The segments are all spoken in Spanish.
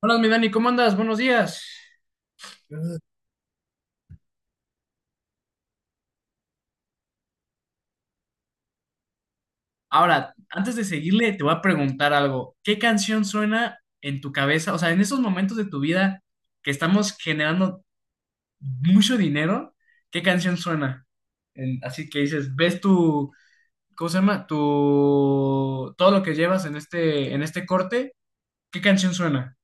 Hola, mi Dani, ¿cómo andas? Buenos días. Ahora, antes de seguirle, te voy a preguntar algo. ¿Qué canción suena en tu cabeza? O sea, en esos momentos de tu vida que estamos generando mucho dinero, ¿qué canción suena? Así que dices, ves tu, ¿cómo se llama? Tu, todo lo que llevas en este corte, ¿qué canción suena?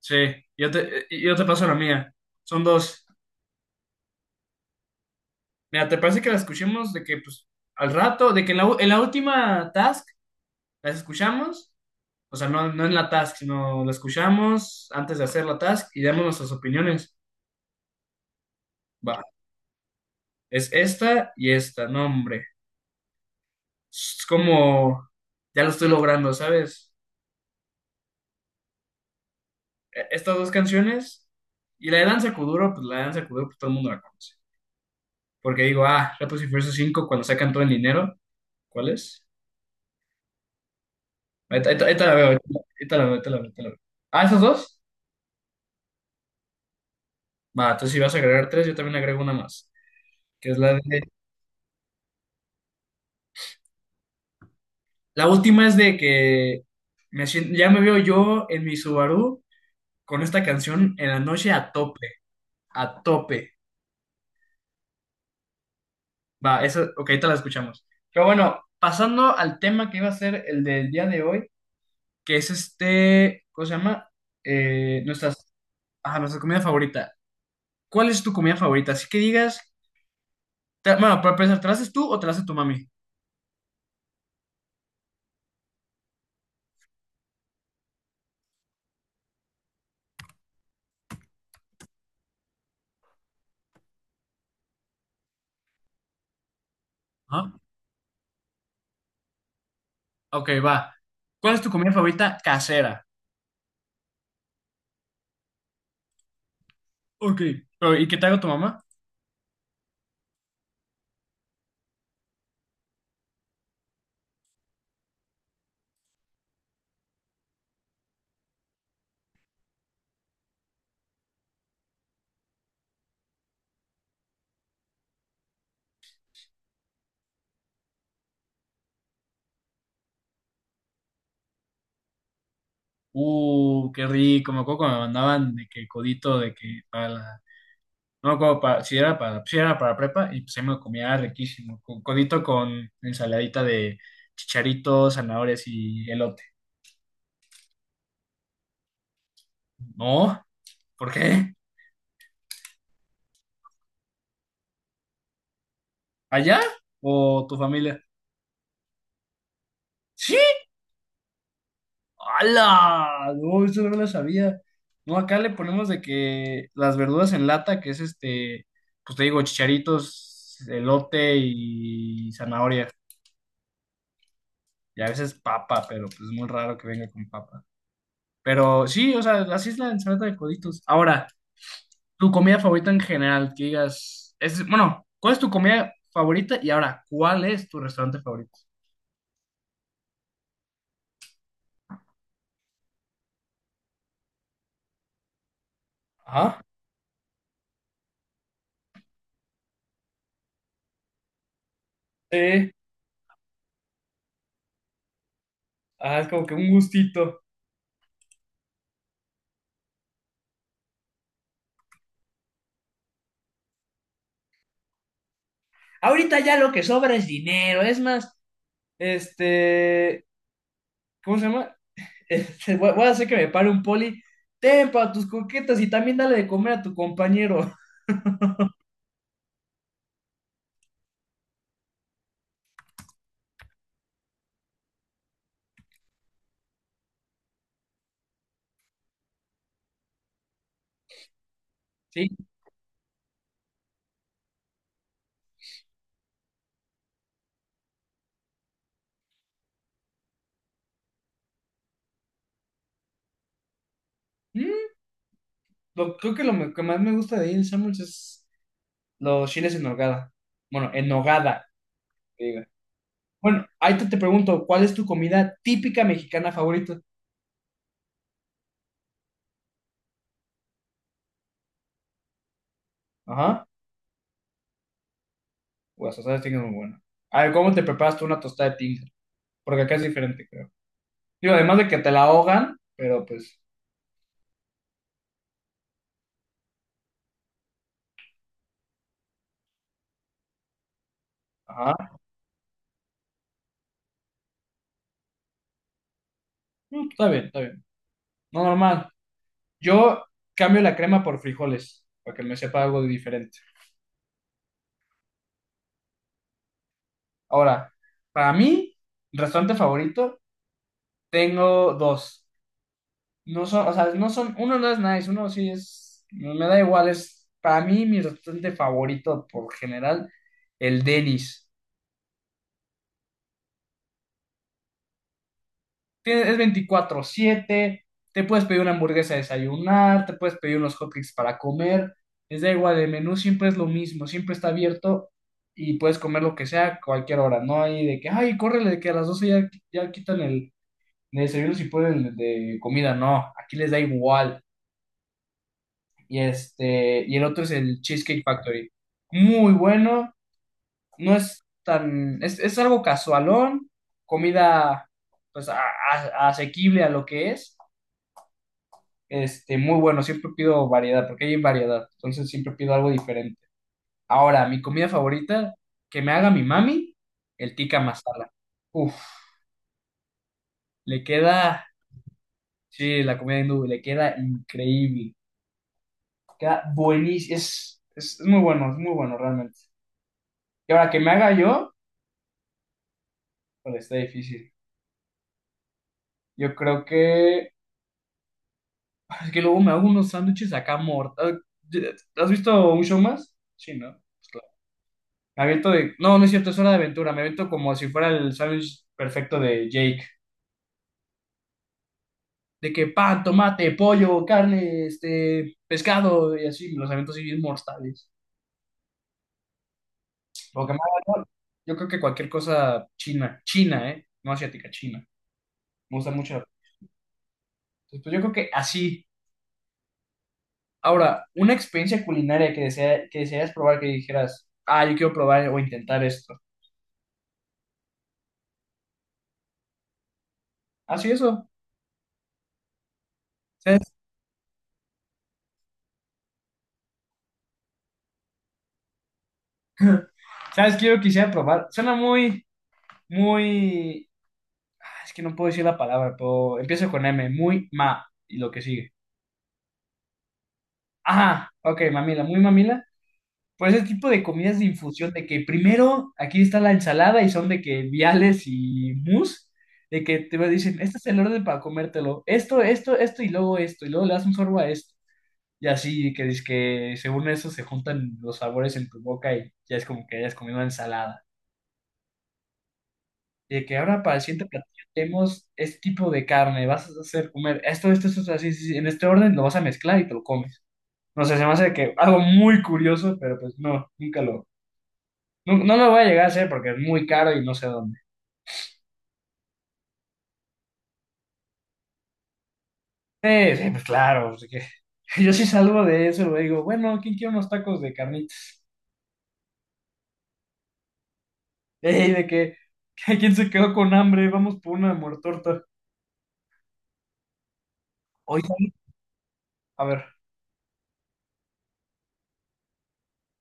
Sí, yo te paso la mía. Son dos. Mira, ¿te parece que la escuchemos de que, pues, al rato, de que en la última task las escuchamos, o sea, no, no en la task, sino la escuchamos antes de hacer la task y damos nuestras opiniones. Va, es esta y esta, no, hombre. Es como, ya lo estoy logrando, ¿sabes? Estas dos canciones y la de Danza Kuduro, pues la de Danza Kuduro, pues todo el mundo la conoce. Porque digo, ah, Rapid Furioso 5 cuando sacan todo el dinero, ¿cuál es? Ahorita la veo, ahorita la veo, ahorita la veo, ahorita la veo. Ah, ¿esas dos? Va, entonces si vas a agregar tres, yo también agrego una más, que es la de... La última es de que ya me veo yo en mi Subaru con esta canción en la noche a tope, a tope. Va, eso, ok, ahorita la escuchamos. Pero bueno, pasando al tema que iba a ser el del día de hoy, que es este, ¿cómo se llama? Nuestras, ajá, nuestra comida favorita. ¿Cuál es tu comida favorita? Así que digas, bueno, para empezar, ¿te la haces tú o te la hace tu mami? Ajá. Ok, va. ¿Cuál es tu comida favorita casera? Ok, pero ¿y qué te hago tu mamá? Qué rico. Me acuerdo cuando me mandaban de que codito, de que para la... No me acuerdo para, si era para, prepa, y pues ahí me lo comía riquísimo. Codito con ensaladita de chicharitos, zanahorias y elote. No, ¿por qué? ¿Allá? ¿O tu familia? ¡Sí! ¡Hala! No, eso no me lo sabía. No, acá le ponemos de que las verduras en lata, que es este, pues te digo, chicharitos, elote y zanahoria, y a veces papa, pero pues es muy raro que venga con papa. Pero sí, o sea, así es la ensalada de coditos. Ahora, tu comida favorita en general, que digas, es, bueno, ¿cuál es tu comida favorita? Y ahora, ¿cuál es tu restaurante favorito? Ajá, sí. Ah, es como que un gustito. Ahorita ya lo que sobra es dinero. Es más, este, ¿cómo se llama? Voy a hacer que me pare un poli. Ten para tus coquetas y también dale de comer a tu compañero. Sí. Mm, creo que que más me gusta de ahí en Samuels es los chiles en nogada. Bueno, en nogada, que diga. Bueno, ahí te pregunto, ¿cuál es tu comida típica mexicana favorita? Ajá. Pues las tostadas de tinga son muy buenas. A ver, ¿cómo te preparas tú una tostada de tinga? Porque acá es diferente, creo. Digo, además de que te la ahogan, pero pues, ajá. Mm, está bien, está bien. No, normal. Yo cambio la crema por frijoles, para que me sepa algo diferente. Ahora, para mí, restaurante favorito, tengo dos. No son, o sea, no son, uno no es nice, uno sí es, no me da igual, es para mí mi restaurante favorito por general, el Denny's. Es 24/7, te puedes pedir una hamburguesa a desayunar, te puedes pedir unos hotcakes para comer, les da igual, el menú siempre es lo mismo, siempre está abierto y puedes comer lo que sea a cualquier hora, no hay de que, ay, córrele, de que a las 12 ya quitan el desayuno si ponen el de comida, no, aquí les da igual. Y el otro es el Cheesecake Factory. Muy bueno, no es tan, es algo casualón, comida pues asequible a lo que es. Muy bueno, siempre pido variedad, porque hay variedad, entonces siempre pido algo diferente. Ahora, mi comida favorita, que me haga mi mami, el tikka masala. Uf, le queda, sí, la comida hindú, le queda increíble, queda buenísimo, es muy bueno, es muy bueno realmente. Y ahora que me haga yo... bueno, está difícil. Yo creo que... es que luego me hago unos sándwiches acá mortales. ¿Has visto un show más? Sí, ¿no? Pues claro. No, no es cierto, es Hora de Aventura. Me aviento como si fuera el sándwich perfecto de Jake. De que pan, tomate, pollo, carne, pescado y así. Me Los aviento así bien mortales. Lo que más... yo creo que cualquier cosa china. China, ¿eh? No asiática, china. Me gusta mucho. Entonces, pues yo creo que así. Ahora, una experiencia culinaria que deseas probar, que dijeras, ah, yo quiero probar o intentar esto. Así eso. ¿Sabes? ¿Sabes qué yo quisiera probar? Suena muy, muy... ah, es que no puedo decir la palabra, pero empiezo con M, muy ma, y lo que sigue. Ajá, ok, mamila, muy mamila. Por ese tipo de comidas de infusión, de que primero aquí está la ensalada y son de que viales y mousse, de que te dicen, este es el orden para comértelo, esto, esto, y luego le das un sorbo a esto. Y así que dice que según eso se juntan los sabores en tu boca y ya es como que hayas comido ensalada. Y de que ahora para el siguiente platillo tenemos este tipo de carne, vas a hacer comer esto, esto, esto, esto, así, sí, sí, en este orden lo vas a mezclar y te lo comes. No sé, se me hace que algo muy curioso, pero pues no, nunca lo, no, no lo voy a llegar a hacer porque es muy caro y no sé dónde. Sí, sí, pues claro, así que yo sí salgo de eso, le digo, bueno, ¿quién quiere unos tacos de carnitas? Ey, de que, ¿quién se quedó con hambre? Vamos por una muertorta. Oye, a ver,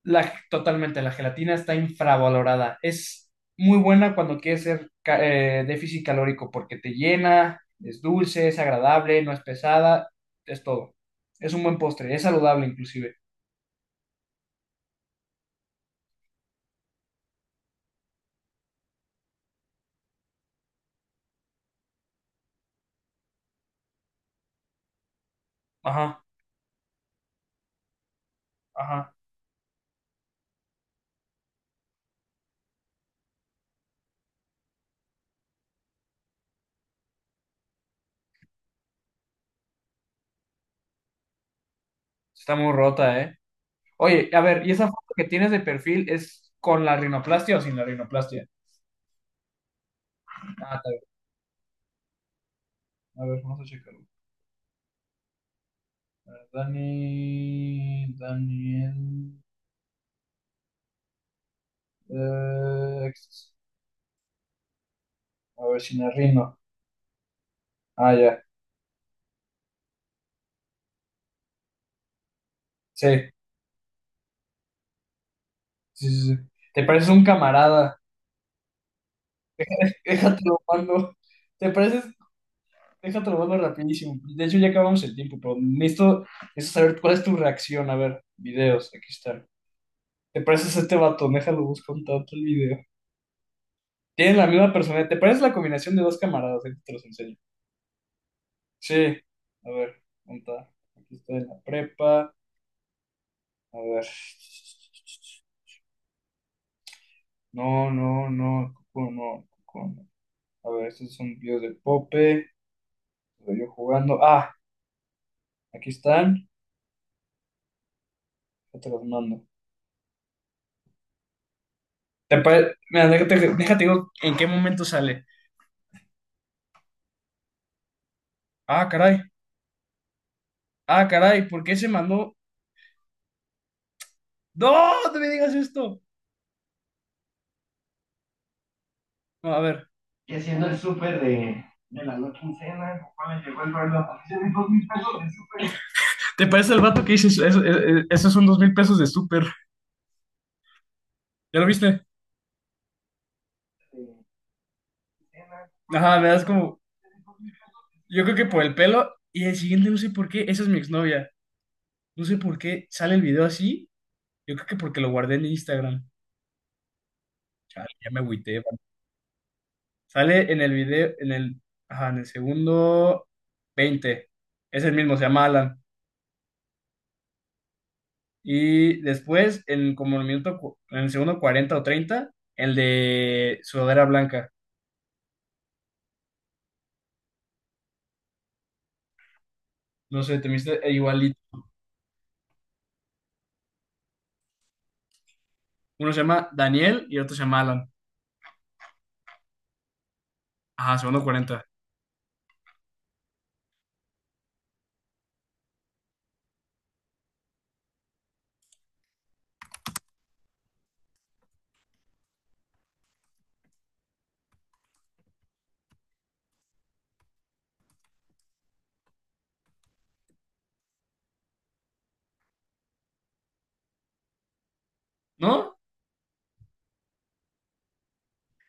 la, totalmente, la gelatina está infravalorada. Es muy buena cuando quieres ser déficit calórico porque te llena, es dulce, es agradable, no es pesada, es todo. Es un buen postre, es saludable inclusive. Ajá, ajá. Está muy rota, ¿eh? Oye, a ver, ¿y esa foto que tienes de perfil es con la rinoplastia o sin la rinoplastia? Ah, está bien. A ver, vamos a checarlo. A ver, Dani, Daniel, eh, a ver, sin la rino. Ah, ya. Sí, sí, sí, sí. Te pareces un camarada. Déjatelo, mando. Te pareces, déjatelo, mando rapidísimo. De hecho, ya acabamos el tiempo, pero necesito saber cuál es tu reacción. A ver, videos, aquí está. Te pareces a este vato, déjalo busco un tanto el video. Tienes la misma personalidad. Te pareces la combinación de dos camaradas, ahorita te los enseño. Sí, a ver, monta. Aquí está en la prepa. A ver. No, no, no, Cuco, no, Cuco, no. A ver, estos son videos de Pope. Estoy yo jugando. Ah, aquí están. Ya te los mando. Mira, déjate digo en qué momento sale. Ah, caray. Ah, caray. ¿Por qué se mandó? ¡No! ¡No me digas esto! No, a ver. Y haciendo el súper de la no quincena, papá me llegó el reloj. Hice mis 2,000 pesos de súper. ¿Te parece el vato que dices? Eso, esos son 2,000 pesos de súper. ¿Ya lo viste? De quincena. Ajá, me das como... yo creo que por el pelo. Y el siguiente, no sé por qué. Esa es mi exnovia. No sé por qué sale el video así. Yo creo que porque lo guardé en Instagram. Chale, ya me agüité, va. Sale en el video, en el, ajá, en el segundo 20. Es el mismo, se llama Alan. Y después, en como el minuto, cu- en el segundo 40 o 30 el de sudadera blanca. No sé, te me hiciste igualito. Uno se llama Daniel y otro se llama Alan. Ajá, segundo 40. ¿No?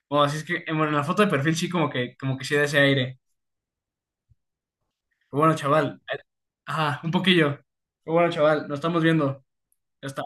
Bueno, así es que, bueno, en la foto de perfil sí como que sí da ese aire. Pero bueno, chaval. Ajá, un poquillo. Pero bueno, chaval, nos estamos viendo. Ya está.